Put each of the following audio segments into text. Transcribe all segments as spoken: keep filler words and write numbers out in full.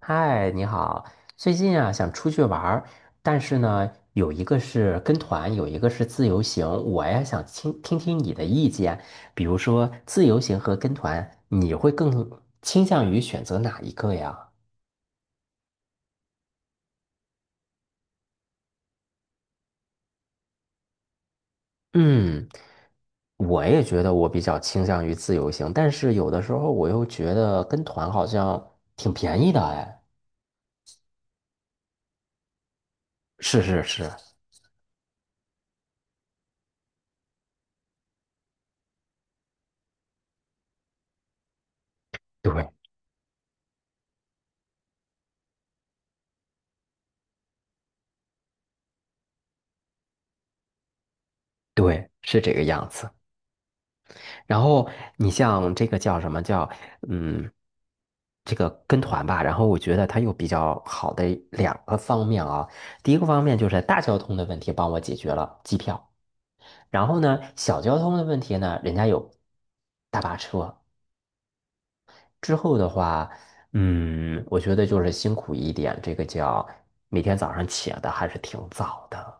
嗨，你好。最近啊，想出去玩儿，但是呢，有一个是跟团，有一个是自由行。我呀，想听听听你的意见。比如说，自由行和跟团，你会更倾向于选择哪一个呀？嗯，我也觉得我比较倾向于自由行，但是有的时候我又觉得跟团好像挺便宜的哎。是是是，对对，是这个样子。然后你像这个叫什么叫嗯，这个跟团吧，然后我觉得它有比较好的两个方面啊。第一个方面就是大交通的问题帮我解决了机票，然后呢，小交通的问题呢，人家有大巴车。之后的话，嗯，我觉得就是辛苦一点，这个叫每天早上起的还是挺早的。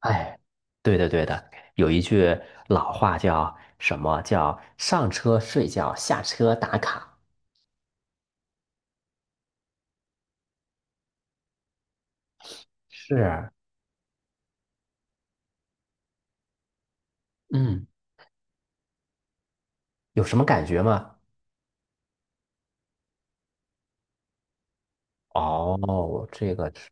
哎，对的对的，有一句老话叫什么叫上车睡觉，下车打卡。是，嗯，有什么感觉吗？哦，这个是，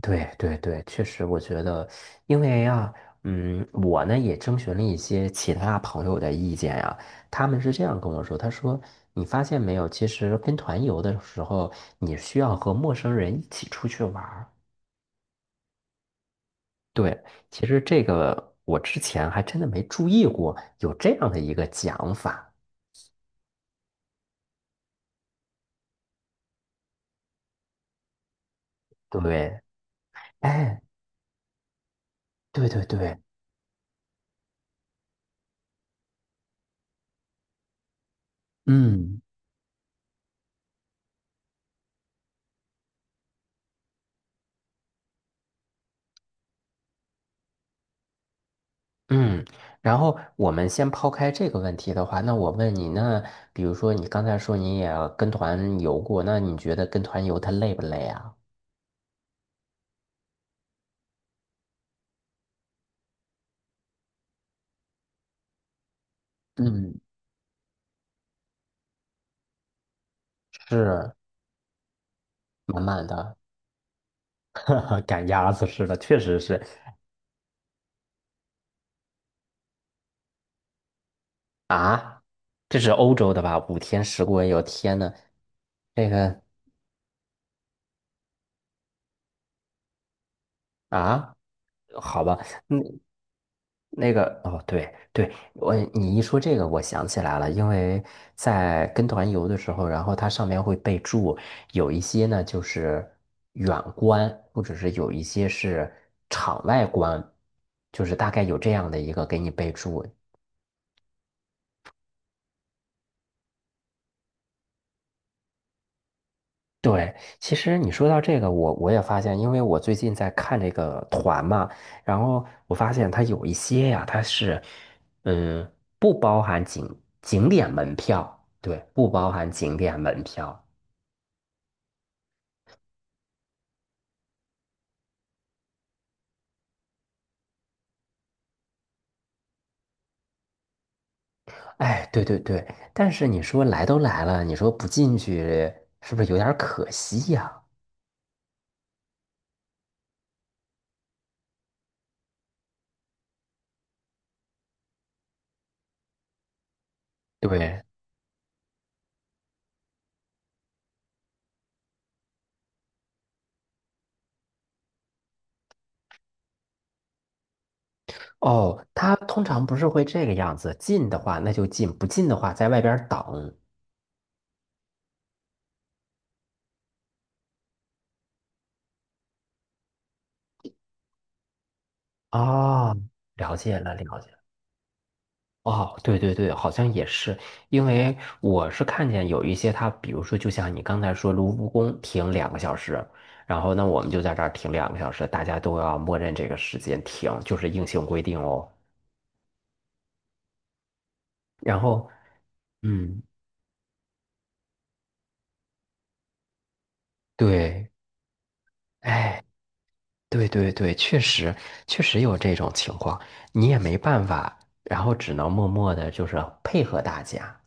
对对对，确实，我觉得，因为呀、嗯，我呢也征询了一些其他朋友的意见呀、他们是这样跟我说，他说你发现没有，其实跟团游的时候，你需要和陌生人一起出去玩儿。对，其实这个我之前还真的没注意过有这样的一个讲法。对，哎，对对对，嗯嗯。然后我们先抛开这个问题的话，那我问你，那比如说你刚才说你也跟团游过，那你觉得跟团游它累不累啊？嗯，是满满的，赶鸭子似的，确实是啊。这是欧洲的吧？五天十国游，天呐，这个啊，好吧。嗯那个哦，对对，我你一说这个，我想起来了，因为在跟团游的时候，然后它上面会备注，有一些呢就是远观，或者是有一些是场外观，就是大概有这样的一个给你备注。对，其实你说到这个，我我也发现，因为我最近在看这个团嘛，然后我发现它有一些呀，它是，嗯，不包含景景点门票，对，不包含景点门票。哎，对对对，但是你说来都来了，你说不进去是不是有点儿可惜呀？对，哦，它通常不是会这个样子，进的话那就进，不进的话在外边儿等。哦，了解了，了解。哦，对对对，好像也是，因为我是看见有一些他，比如说，就像你刚才说，卢浮宫停两个小时，然后那我们就在这儿停两个小时，大家都要默认这个时间停，就是硬性规定哦。然后，嗯，对，哎，对对对，确实确实有这种情况，你也没办法，然后只能默默的，就是配合大家。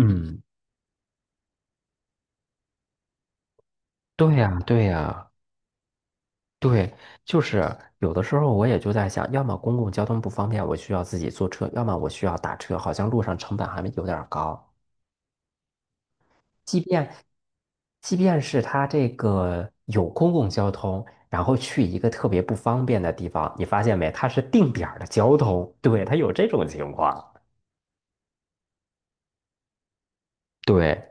嗯，对呀，对呀。对，就是有的时候我也就在想，要么公共交通不方便，我需要自己坐车，要么我需要打车，好像路上成本还有点儿高。即便即便是它这个有公共交通，然后去一个特别不方便的地方，你发现没？它是定点儿的交通，对，它有这种情况。对，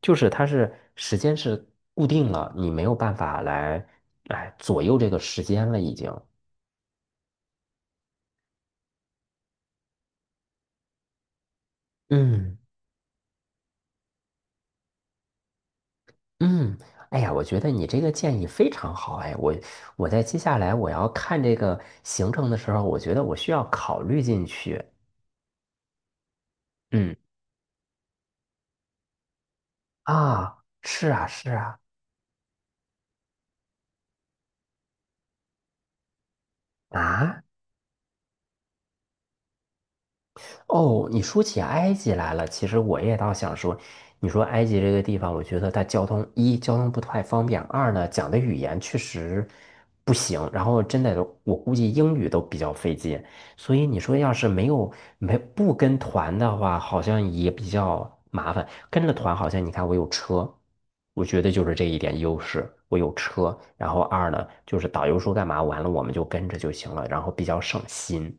就是它是时间是固定了，你没有办法来来左右这个时间了，已经。嗯。嗯，哎呀，我觉得你这个建议非常好。哎，我我在接下来我要看这个行程的时候，我觉得我需要考虑进去。嗯，啊，是啊，是啊，啊。哦，你说起埃及来了，其实我也倒想说，你说埃及这个地方，我觉得它交通一交通不太方便，二呢讲的语言确实不行，然后真的我估计英语都比较费劲，所以你说要是没有没不跟团的话，好像也比较麻烦。跟着团好像你看我有车，我觉得就是这一点优势，我有车，然后二呢就是导游说干嘛，完了我们就跟着就行了，然后比较省心。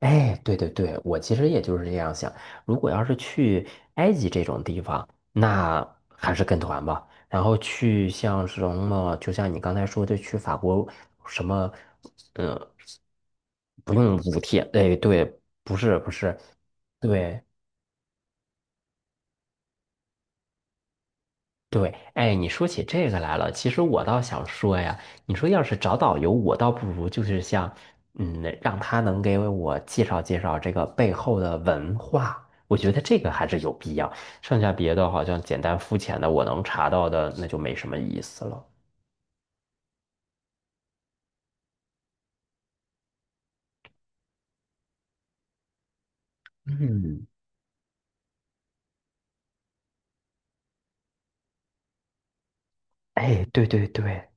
哎，对对对，我其实也就是这样想。如果要是去埃及这种地方，那还是跟团吧。然后去像什么，就像你刚才说的，去法国什么，嗯，不用五天。哎，对，不是不是，对对，哎，你说起这个来了，其实我倒想说呀，你说要是找导游，我倒不如就是像，嗯，让他能给我介绍介绍这个背后的文化，我觉得这个还是有必要。剩下别的好像简单肤浅的，我能查到的那就没什么意思了。嗯，哎，对对对，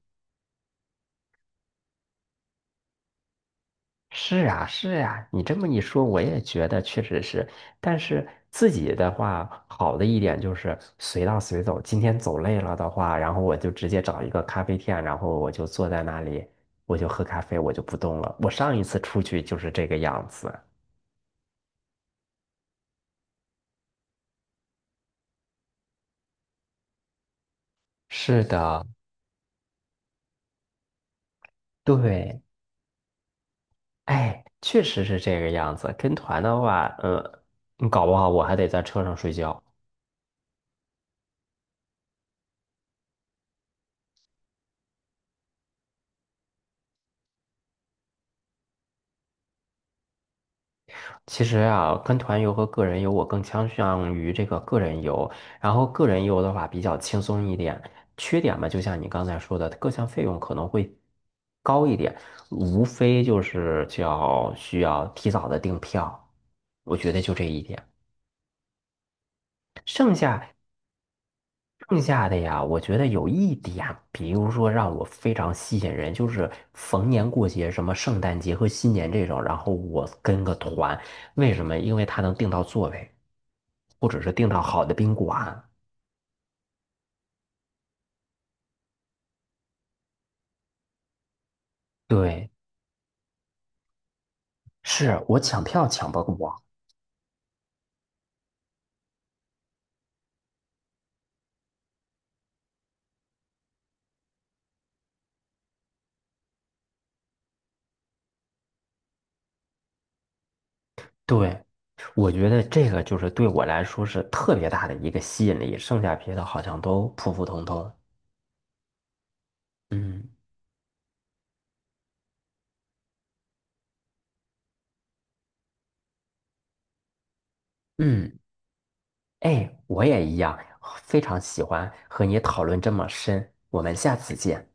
是呀，是呀，你这么一说，我也觉得确实是。但是自己的话，好的一点就是随到随走。今天走累了的话，然后我就直接找一个咖啡店，然后我就坐在那里，我就喝咖啡，我就不动了。我上一次出去就是这个样子。是的，对，哎，确实是这个样子。跟团的话，嗯，搞不好我还得在车上睡觉。其实啊，跟团游和个人游，我更倾向于这个个人游。然后个人游的话比较轻松一点，缺点嘛，就像你刚才说的，各项费用可能会高一点，无非就是叫需要提早的订票，我觉得就这一点。剩下剩下的呀，我觉得有一点，比如说让我非常吸引人，就是逢年过节，什么圣诞节和新年这种，然后我跟个团，为什么？因为他能订到座位，或者是订到好的宾馆。对，是我抢票抢不过。对，我觉得这个就是对我来说是特别大的一个吸引力，剩下别的好像都普普通通。嗯嗯。哎，我也一样，非常喜欢和你讨论这么深。我们下次见。